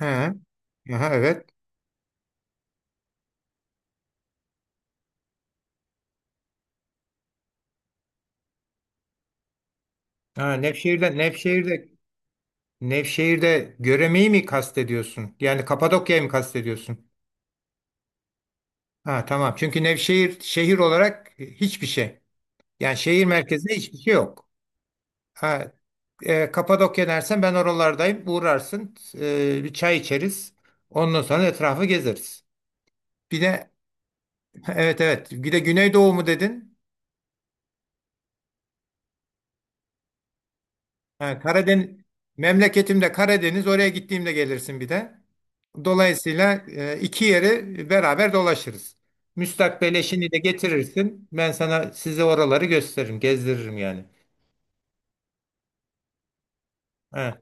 He. Aha, evet. Ha, Nevşehir'de Göreme'yi mi kastediyorsun? Yani Kapadokya'yı mı kastediyorsun? Ha, tamam. Çünkü Nevşehir şehir olarak hiçbir şey. Yani şehir merkezinde hiçbir şey yok. Ha, Kapadokya dersen ben oralardayım. Uğrarsın. Bir çay içeriz. Ondan sonra etrafı gezeriz. Bir de evet evet. Bir de Güneydoğu mu dedin? Ha, Karadeniz memleketimde Karadeniz. Oraya gittiğimde gelirsin bir de. Dolayısıyla iki yeri beraber dolaşırız. Müstakbel eşini de getirirsin. Ben sana size oraları gösteririm, gezdiririm yani. He.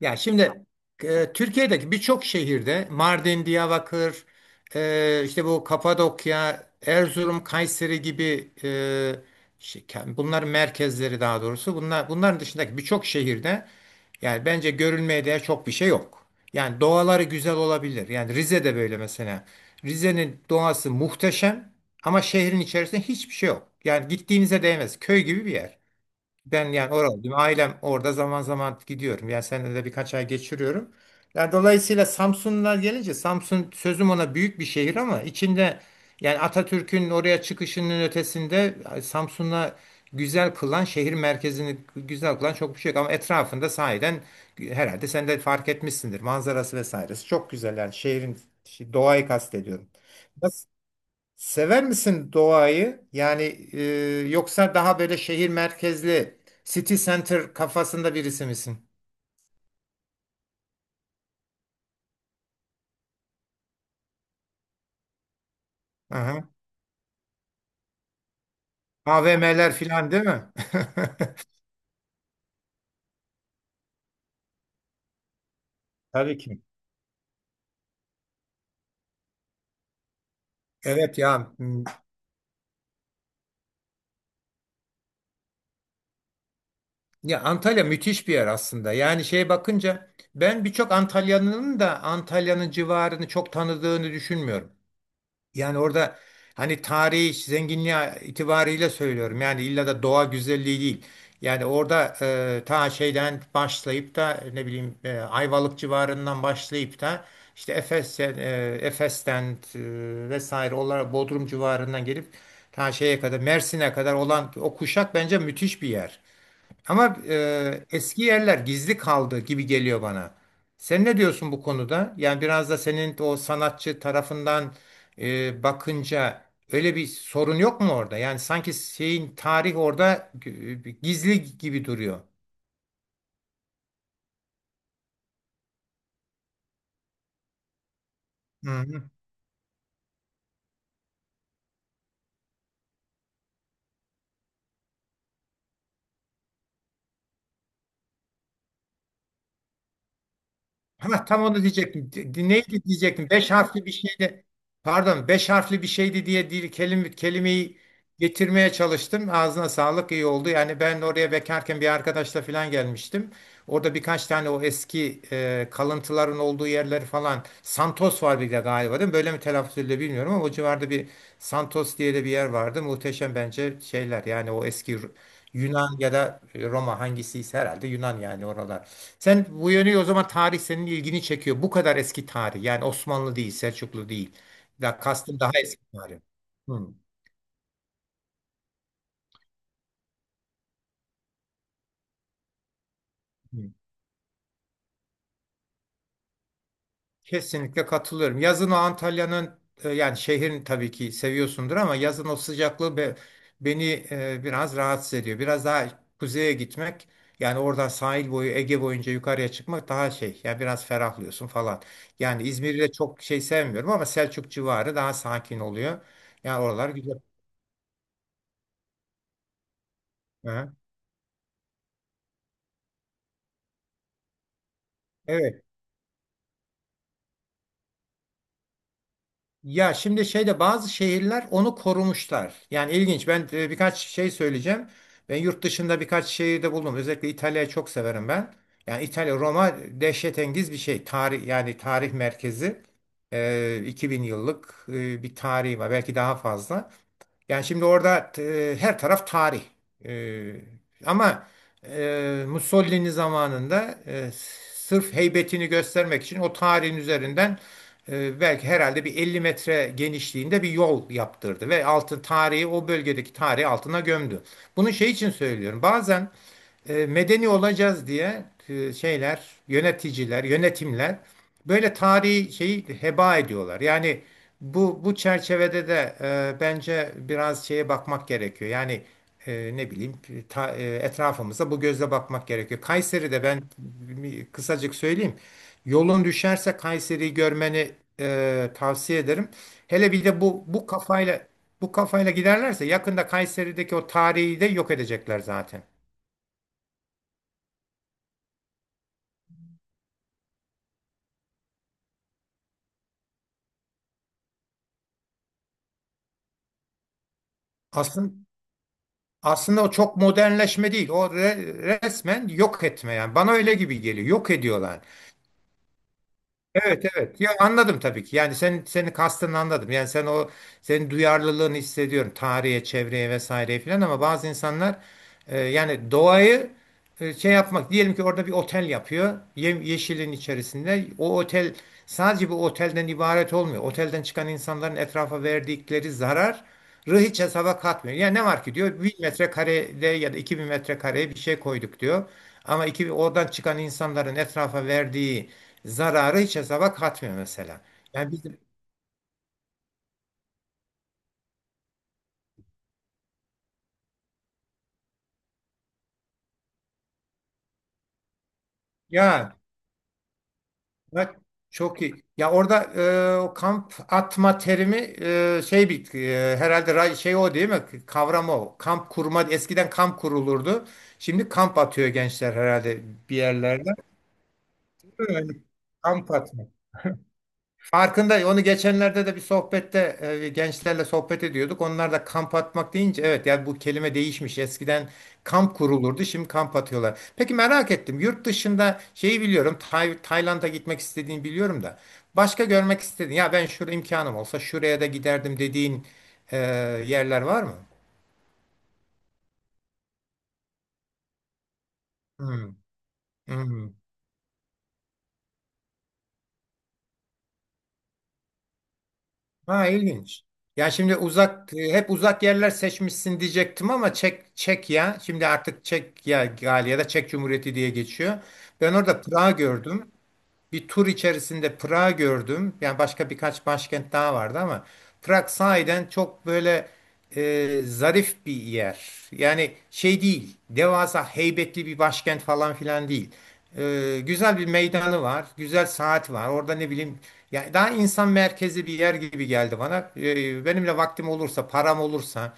Ya şimdi Türkiye'deki birçok şehirde Mardin, Diyarbakır, işte bu Kapadokya, Erzurum, Kayseri gibi şey, bunların merkezleri daha doğrusu bunlar bunların dışındaki birçok şehirde yani bence görülmeye değer çok bir şey yok. Yani doğaları güzel olabilir. Yani Rize'de böyle mesela. Rize'nin doğası muhteşem ama şehrin içerisinde hiçbir şey yok. Yani gittiğinize değmez. Köy gibi bir yer. Ben yani oralıyım. Ailem orada zaman zaman gidiyorum. Yani senede de birkaç ay geçiriyorum. Yani dolayısıyla Samsunlar gelince Samsun sözüm ona büyük bir şehir ama içinde yani Atatürk'ün oraya çıkışının ötesinde Samsun'a güzel kılan şehir merkezini güzel kılan çok bir şey yok. Ama etrafında sahiden herhalde sen de fark etmişsindir. Manzarası vesairesi çok güzel yani şehrin şey, doğayı kastediyorum. Sever misin doğayı? Yani e, yoksa daha böyle şehir merkezli city center kafasında birisi misin? Aha. AVM'ler filan değil mi? Tabii ki. Evet ya. Ya Antalya müthiş bir yer aslında. Yani şeye bakınca ben birçok Antalyalı'nın da Antalya'nın civarını çok tanıdığını düşünmüyorum. Yani orada hani tarihi zenginliği itibariyle söylüyorum. Yani illa da doğa güzelliği değil. Yani orada ta şeyden başlayıp da ne bileyim Ayvalık civarından başlayıp da işte Efes, Efes'ten vesaire olarak Bodrum civarından gelip ta şeye kadar Mersin'e kadar olan o kuşak bence müthiş bir yer. Ama eski yerler gizli kaldı gibi geliyor bana. Sen ne diyorsun bu konuda? Yani biraz da senin o sanatçı tarafından bakınca öyle bir sorun yok mu orada? Yani sanki şeyin tarih orada gizli gibi duruyor. Hı hı. Ha, tam onu diyecektim. Neydi diyecektim? Beş harfli bir şeydi. Pardon, beş harfli bir şeydi diye değil, kelime, kelimeyi getirmeye çalıştım. Ağzına sağlık iyi oldu. Yani ben oraya bekarken bir arkadaşla falan gelmiştim. Orada birkaç tane o eski kalıntıların olduğu yerleri falan. Santos var bir de galiba değil mi? Böyle mi telaffuz ediliyor bilmiyorum ama o civarda bir Santos diye de bir yer vardı. Muhteşem bence şeyler. Yani o eski Yunan ya da Roma hangisiyse herhalde Yunan yani oralar. Sen bu yönü o zaman tarih senin ilgini çekiyor. Bu kadar eski tarih. Yani Osmanlı değil, Selçuklu değil. Ya kastım daha eski tarih. Hı, hı. Kesinlikle katılıyorum. Yazın o Antalya'nın yani şehrin tabii ki seviyorsundur ama yazın o sıcaklığı beni biraz rahatsız ediyor. Biraz daha kuzeye gitmek yani oradan sahil boyu Ege boyunca yukarıya çıkmak daha şey. Yani biraz ferahlıyorsun falan. Yani İzmir'i de çok şey sevmiyorum ama Selçuk civarı daha sakin oluyor. Yani oralar güzel. Hı. Evet. Ya şimdi şeyde bazı şehirler onu korumuşlar. Yani ilginç. Ben birkaç şey söyleyeceğim. Ben yurt dışında birkaç şehirde bulundum. Özellikle İtalya'yı çok severim ben. Yani İtalya, Roma dehşetengiz bir şey. Tarih yani tarih merkezi. 2000 yıllık bir tarihi var. Belki daha fazla. Yani şimdi orada her taraf tarih. E, ama Mussolini zamanında sırf heybetini göstermek için o tarihin üzerinden belki herhalde bir 50 metre genişliğinde bir yol yaptırdı ve altın tarihi o bölgedeki tarihi altına gömdü. Bunu şey için söylüyorum. Bazen medeni olacağız diye şeyler, yöneticiler, yönetimler böyle tarihi şeyi heba ediyorlar. Yani bu çerçevede de bence biraz şeye bakmak gerekiyor. Yani ne bileyim etrafımıza bu gözle bakmak gerekiyor. Kayseri'de ben kısacık söyleyeyim. Yolun düşerse Kayseri'yi görmeni tavsiye ederim. Hele bir de bu kafayla giderlerse yakında Kayseri'deki o tarihi de yok edecekler zaten. Aslında Aslında o çok modernleşme değil. O resmen yok etme yani. Bana öyle gibi geliyor. Yok ediyorlar. Evet, evet. Ya anladım tabii ki. Yani sen seni kastını anladım. Yani sen o senin duyarlılığını hissediyorum. Tarihe, çevreye vesaireye filan ama bazı insanlar yani doğayı şey yapmak diyelim ki orada bir otel yapıyor. Yeşilin içerisinde. O otel sadece bu otelden ibaret olmuyor. Otelden çıkan insanların etrafa verdikleri zararı hiç hesaba katmıyor. Yani ne var ki diyor 1000 metrekarede ya da 2000 metrekareye bir şey koyduk diyor. Ama iki, oradan çıkan insanların etrafa verdiği zararı hiç hesaba katmıyor mesela. Yani bizim ya bak çok iyi. Ya orada o kamp atma terimi e, şey bir herhalde şey o değil mi? Kavram o. Kamp kurma eskiden kamp kurulurdu. Şimdi kamp atıyor gençler herhalde bir yerlerde. Öyle. Kamp atma. Farkında onu geçenlerde de bir sohbette gençlerle sohbet ediyorduk. Onlar da kamp atmak deyince evet yani bu kelime değişmiş. Eskiden kamp kurulurdu şimdi kamp atıyorlar. Peki merak ettim yurt dışında şeyi biliyorum Tayland'a gitmek istediğini biliyorum da başka görmek istediğin ya ben şurada imkanım olsa şuraya da giderdim dediğin e, yerler var mı? Hmm. Hmm. Ha, ilginç. Ya şimdi uzak hep uzak yerler seçmişsin diyecektim ama Çek, Çek ya. Şimdi artık Çekya ya ya da Çek Cumhuriyeti diye geçiyor. Ben orada Prag'ı gördüm bir tur içerisinde Prag'ı gördüm. Yani başka birkaç başkent daha vardı ama Prag sahiden çok böyle zarif bir yer. Yani şey değil, devasa heybetli bir başkent falan filan değil. Güzel bir meydanı var, güzel saat var. Orada ne bileyim, yani daha insan merkezi bir yer gibi geldi bana. Benimle vaktim olursa, param olursa.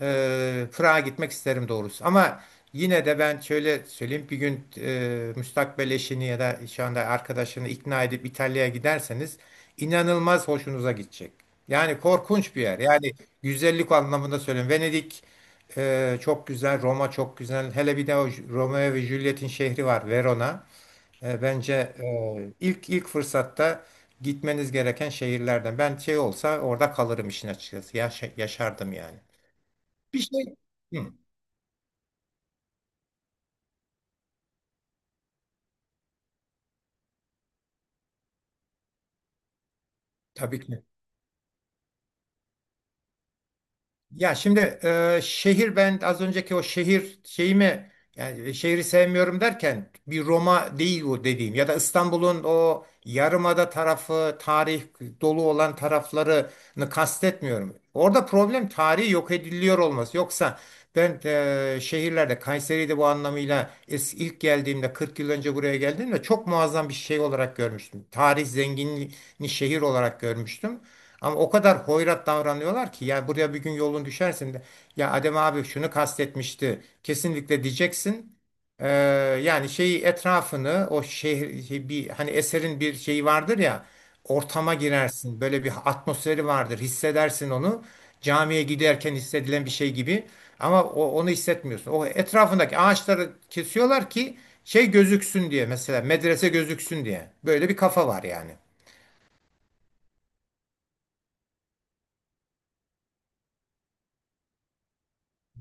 Prag'a gitmek isterim doğrusu. Ama yine de ben şöyle söyleyeyim. Bir gün müstakbel eşini ya da şu anda arkadaşını ikna edip İtalya'ya giderseniz inanılmaz hoşunuza gidecek. Yani korkunç bir yer. Yani güzellik anlamında söylüyorum. Venedik çok güzel, Roma çok güzel. Hele bir de o Romeo ve Juliet'in şehri var, Verona. Bence ilk fırsatta gitmeniz gereken şehirlerden. Ben şey olsa orada kalırım işin açıkçası. Yaşardım yani. Bir şey Hı, tabii ki. Ya şimdi şehir ben az önceki o şehir şeyimi yani şehri sevmiyorum derken bir Roma değil bu dediğim ya da İstanbul'un o yarımada tarafı tarih dolu olan taraflarını kastetmiyorum. Orada problem tarihi yok ediliyor olması. Yoksa ben şehirlerde Kayseri'de bu anlamıyla ilk geldiğimde 40 yıl önce buraya geldiğimde çok muazzam bir şey olarak görmüştüm. Tarih zenginliğini şehir olarak görmüştüm. Ama o kadar hoyrat davranıyorlar ki ya buraya bir gün yolun düşersin de ya Adem abi şunu kastetmişti kesinlikle diyeceksin. Ee, Yani şeyi etrafını o şehir şey bir hani eserin bir şeyi vardır ya ortama girersin böyle bir atmosferi vardır hissedersin onu camiye giderken hissedilen bir şey gibi ama onu hissetmiyorsun. O etrafındaki ağaçları kesiyorlar ki şey gözüksün diye mesela medrese gözüksün diye böyle bir kafa var yani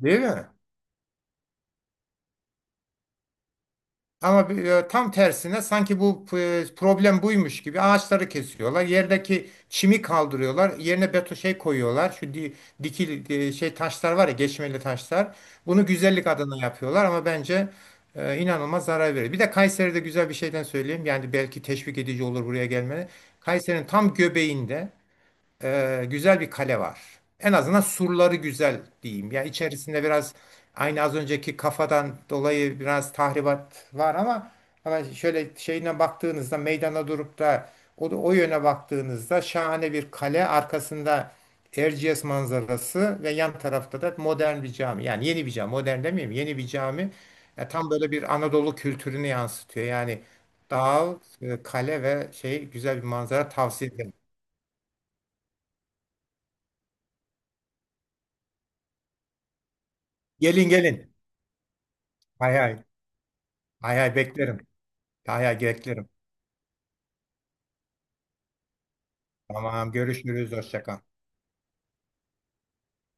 değil mi? Ama tam tersine sanki bu problem buymuş gibi ağaçları kesiyorlar. Yerdeki çimi kaldırıyorlar. Yerine beton şey koyuyorlar. Şu şey taşlar var ya geçmeli taşlar. Bunu güzellik adına yapıyorlar ama bence inanılmaz zarar veriyor. Bir de Kayseri'de güzel bir şeyden söyleyeyim. Yani belki teşvik edici olur buraya gelmeni. Kayseri'nin tam göbeğinde güzel bir kale var. En azından surları güzel diyeyim. Ya içerisinde biraz aynı az önceki kafadan dolayı biraz tahribat var ama şöyle şeyine baktığınızda meydana durup da o yöne baktığınızda şahane bir kale arkasında Erciyes manzarası ve yan tarafta da modern bir cami. Yani yeni bir cami, modern demeyeyim, yeni bir cami. Ya tam böyle bir Anadolu kültürünü yansıtıyor. Yani dağ, kale ve şey güzel bir manzara tavsiye ederim. Gelin gelin. Hay hay. Hay hay beklerim. Hay hay beklerim. Tamam, görüşürüz. Hoşça kal.